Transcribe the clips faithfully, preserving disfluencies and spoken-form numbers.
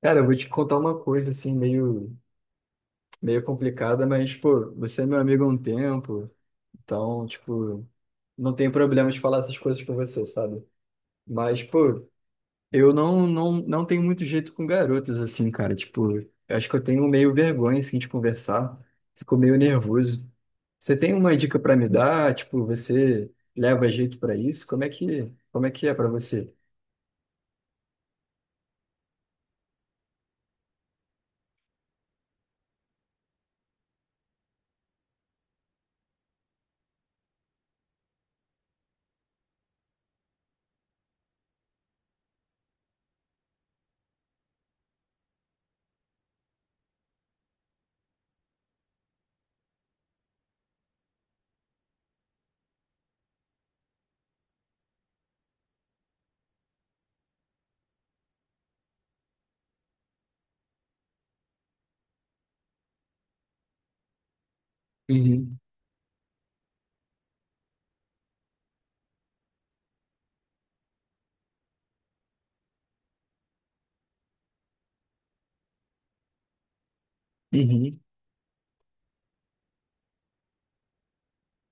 Cara, eu vou te contar uma coisa assim, meio, meio complicada, mas, pô, você é meu amigo há um tempo, então, tipo, não tem problema de falar essas coisas com você, sabe? Mas, pô, eu não, não, não tenho muito jeito com garotas assim, cara. Tipo, eu acho que eu tenho meio vergonha, assim, de conversar, fico meio nervoso. Você tem uma dica pra me dar? Tipo, você leva jeito pra isso? Como é que, como é que é pra você? Uhum. Uhum.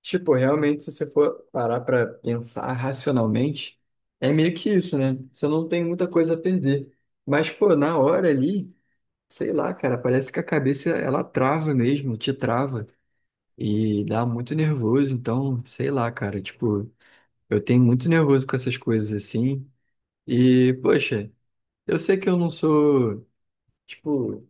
Tipo, realmente, se você for parar pra pensar racionalmente, é meio que isso, né? Você não tem muita coisa a perder. Mas, pô, na hora ali, sei lá, cara, parece que a cabeça ela trava mesmo, te trava e dá muito nervoso. Então, sei lá, cara, tipo, eu tenho muito nervoso com essas coisas assim. E, poxa, eu sei que eu não sou, tipo,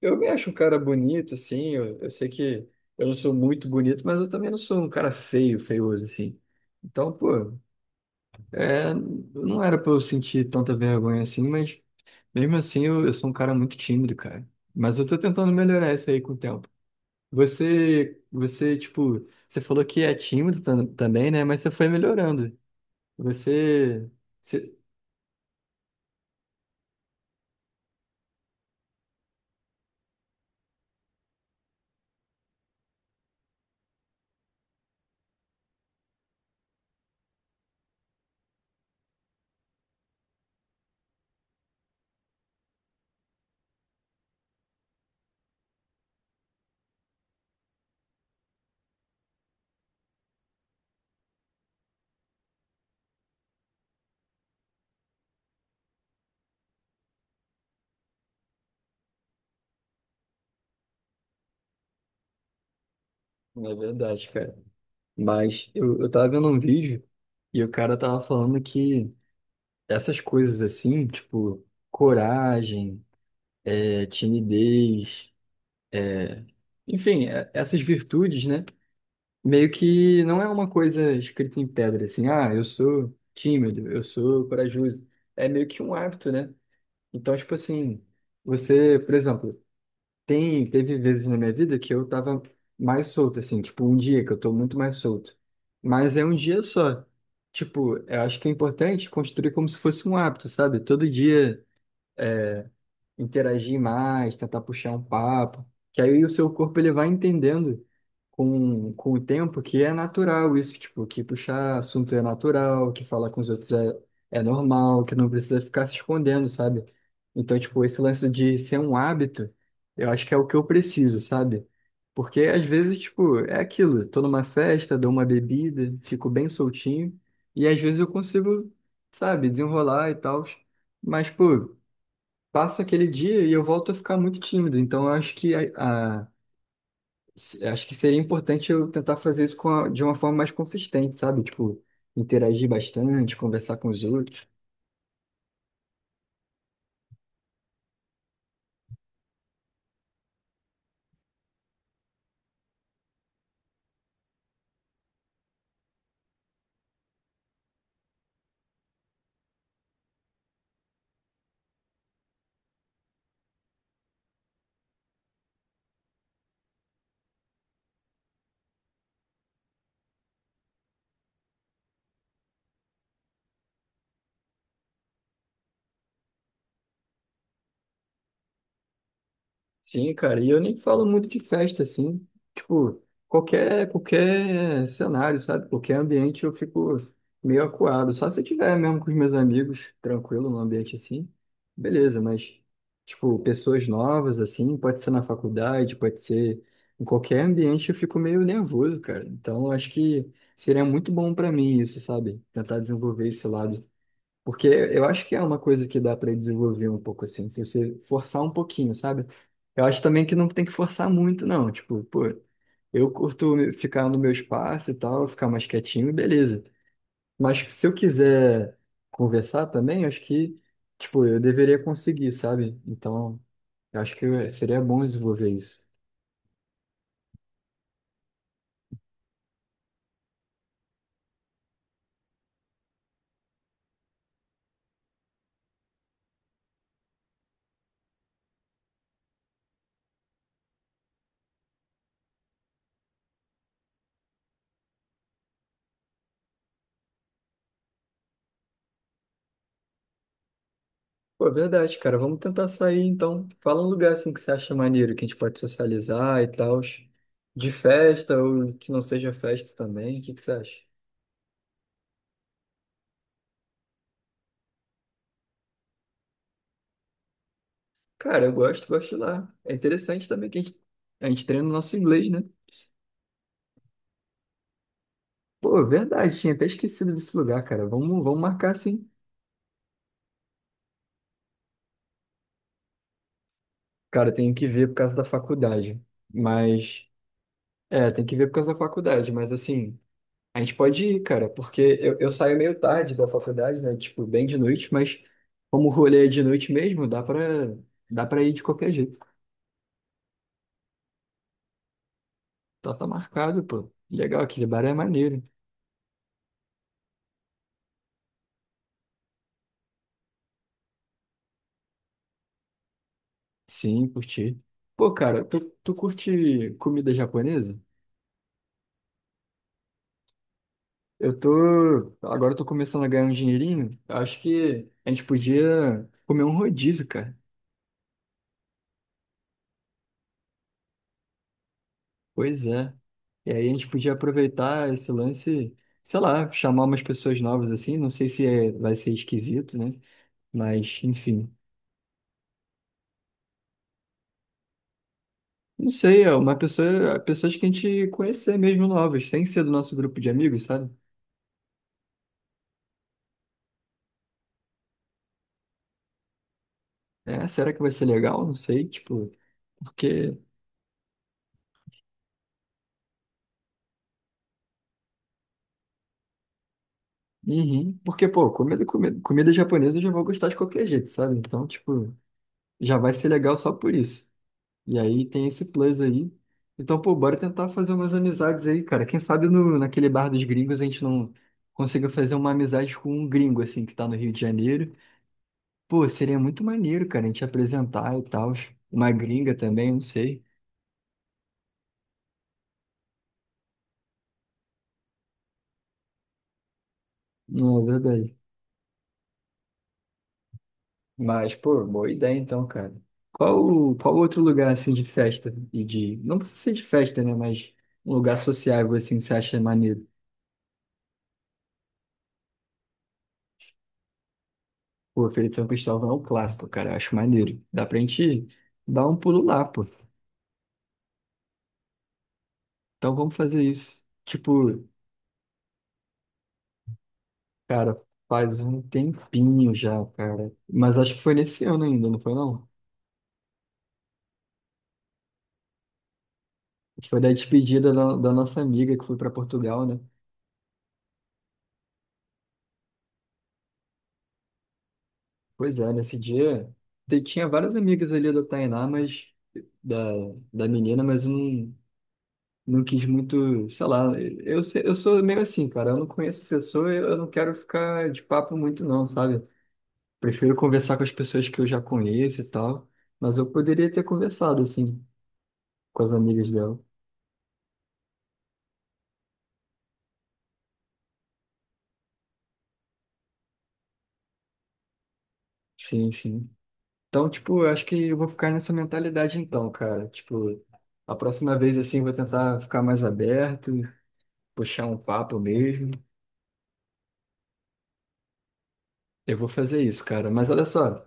eu me acho um cara bonito, assim. Eu, eu sei que eu não sou muito bonito, mas eu também não sou um cara feio, feioso, assim. Então, pô, é, não era pra eu sentir tanta vergonha assim, mas mesmo assim eu, eu sou um cara muito tímido, cara. Mas eu tô tentando melhorar isso aí com o tempo. Você, você, tipo, você falou que é tímido tam- também, né? Mas você foi melhorando. Você, você... é verdade, cara. Mas eu, eu tava vendo um vídeo e o cara tava falando que. Essas coisas assim, tipo coragem, é, timidez, enfim, é, essas virtudes, né? Meio que não é uma coisa escrita em pedra, assim, ah, eu sou tímido, eu sou corajoso. É meio que um hábito, né? Então, tipo assim, você, por exemplo, tem, teve vezes na minha vida que eu tava mais solto, assim, tipo um dia que eu tô muito mais solto. Mas é um dia só. Tipo, eu acho que é importante construir como se fosse um hábito, sabe? Todo dia. Interagir mais, tentar puxar um papo, que aí o seu corpo ele vai entendendo com, com o tempo que é natural isso, tipo, que puxar assunto é natural, que falar com os outros é, é normal, que não precisa ficar se escondendo, sabe? Então, tipo, esse lance de ser um hábito, eu acho que é o que eu preciso, sabe? Porque às vezes, tipo, é aquilo, tô numa festa, dou uma bebida, fico bem soltinho, e às vezes eu consigo, sabe, desenrolar e tal. Mas, pô, passa aquele dia e eu volto a ficar muito tímido. Então, eu acho que a, a- se- acho que seria importante eu tentar fazer isso com a- de uma forma mais consistente, sabe? Tipo, interagir bastante, conversar com os outros. Sim, cara, e eu nem falo muito de festa, assim, tipo, qualquer, qualquer cenário, sabe, qualquer ambiente eu fico meio acuado, só se eu tiver mesmo com os meus amigos, tranquilo, num ambiente assim, beleza, mas, tipo, pessoas novas, assim, pode ser na faculdade, pode ser em qualquer ambiente, eu fico meio nervoso, cara, então eu acho que seria muito bom pra mim isso, sabe, tentar desenvolver esse lado. Porque eu acho que é uma coisa que dá para desenvolver um pouco assim, se você forçar um pouquinho, sabe? Eu acho também que não tem que forçar muito, não. Tipo, pô, eu curto me- ficar no meu espaço e tal, ficar mais quietinho, beleza. Mas se eu quiser conversar também, acho que, tipo, eu deveria conseguir, sabe? Então, eu acho que seria bom desenvolver isso. Pô, é verdade, cara. Vamos tentar sair então. Fala um lugar assim que você acha maneiro, que a gente pode socializar e tal. De festa ou que não seja festa também. O que que você acha? Cara, eu gosto, gosto de lá. É interessante também que a gente, a gente treina o nosso inglês, né? Pô, é verdade, tinha até esquecido desse lugar, cara. Vamos, vamos marcar sim. Cara, eu tenho que ver por causa da faculdade. Mas. É, tem que ver por causa da faculdade, mas assim. A gente pode ir, cara, porque eu, eu saio meio tarde da faculdade, né? Tipo, bem de noite, mas como o rolê é de noite mesmo, dá pra, dá pra ir de qualquer jeito. Então tá marcado, pô. Legal, aquele bar é maneiro. Sim, curti. Pô, cara, tu, tu curte comida japonesa? Eu tô. Agora eu tô começando a ganhar um dinheirinho. Eu Acho que a gente podia comer um rodízio, cara. Pois é. E aí a gente podia aproveitar esse lance, sei lá, chamar umas pessoas novas assim. Não sei se é- vai ser esquisito, né? Mas, enfim. Não sei, é uma pessoa, pessoas que a gente conhecer mesmo novas, sem ser do nosso grupo de amigos, sabe? É, será que vai ser legal? Não sei, tipo, porque. Uhum. Porque, pô, comida, comida, comida japonesa eu já vou gostar de qualquer jeito, sabe? Então, tipo, já vai ser legal só por isso. E aí tem esse plus aí. Então, pô, bora tentar fazer umas amizades aí, cara. Quem sabe no, naquele bar dos gringos a gente não consiga fazer uma amizade com um gringo, assim, que tá no Rio de Janeiro. Pô, seria muito maneiro, cara, a gente apresentar e tal. Uma gringa também, não sei. Não é verdade. Mas, pô, boa ideia então, cara. Qual, qual outro lugar, assim, de festa e de... Não precisa ser de festa, né? Mas um lugar sociável, assim, que você acha maneiro? Pô, Feira de São Cristóvão é um clássico, cara. Eu acho maneiro. Dá pra gente dar um pulo lá, pô. Então vamos fazer isso. Tipo, cara, faz um tempinho já, cara. Mas acho que foi nesse ano ainda, não foi não? Foi da despedida da, da nossa amiga que foi pra Portugal, né? Pois é, nesse dia te- tinha várias amigas ali da Tainá, mas da, da menina, mas eu não, não quis muito, sei lá, eu, se- eu sou meio assim, cara. Eu não conheço pessoa, eu eu não quero ficar de papo muito, não, sabe? Prefiro conversar com as pessoas que eu já conheço e tal, mas eu poderia ter conversado, assim, com as amigas dela. Sim, sim. Então, tipo, eu acho que eu vou ficar nessa mentalidade então, cara. Tipo, a próxima vez, assim, eu vou tentar ficar mais aberto, puxar um papo mesmo. Eu vou fazer isso, cara. Mas olha só,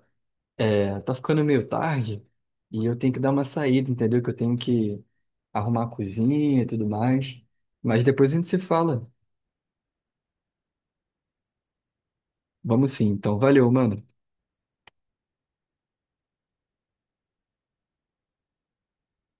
é, tá ficando meio tarde e eu tenho que dar uma saída, entendeu? Que eu tenho que arrumar a cozinha e tudo mais. Mas depois a gente se fala. Vamos sim, então. Valeu, mano.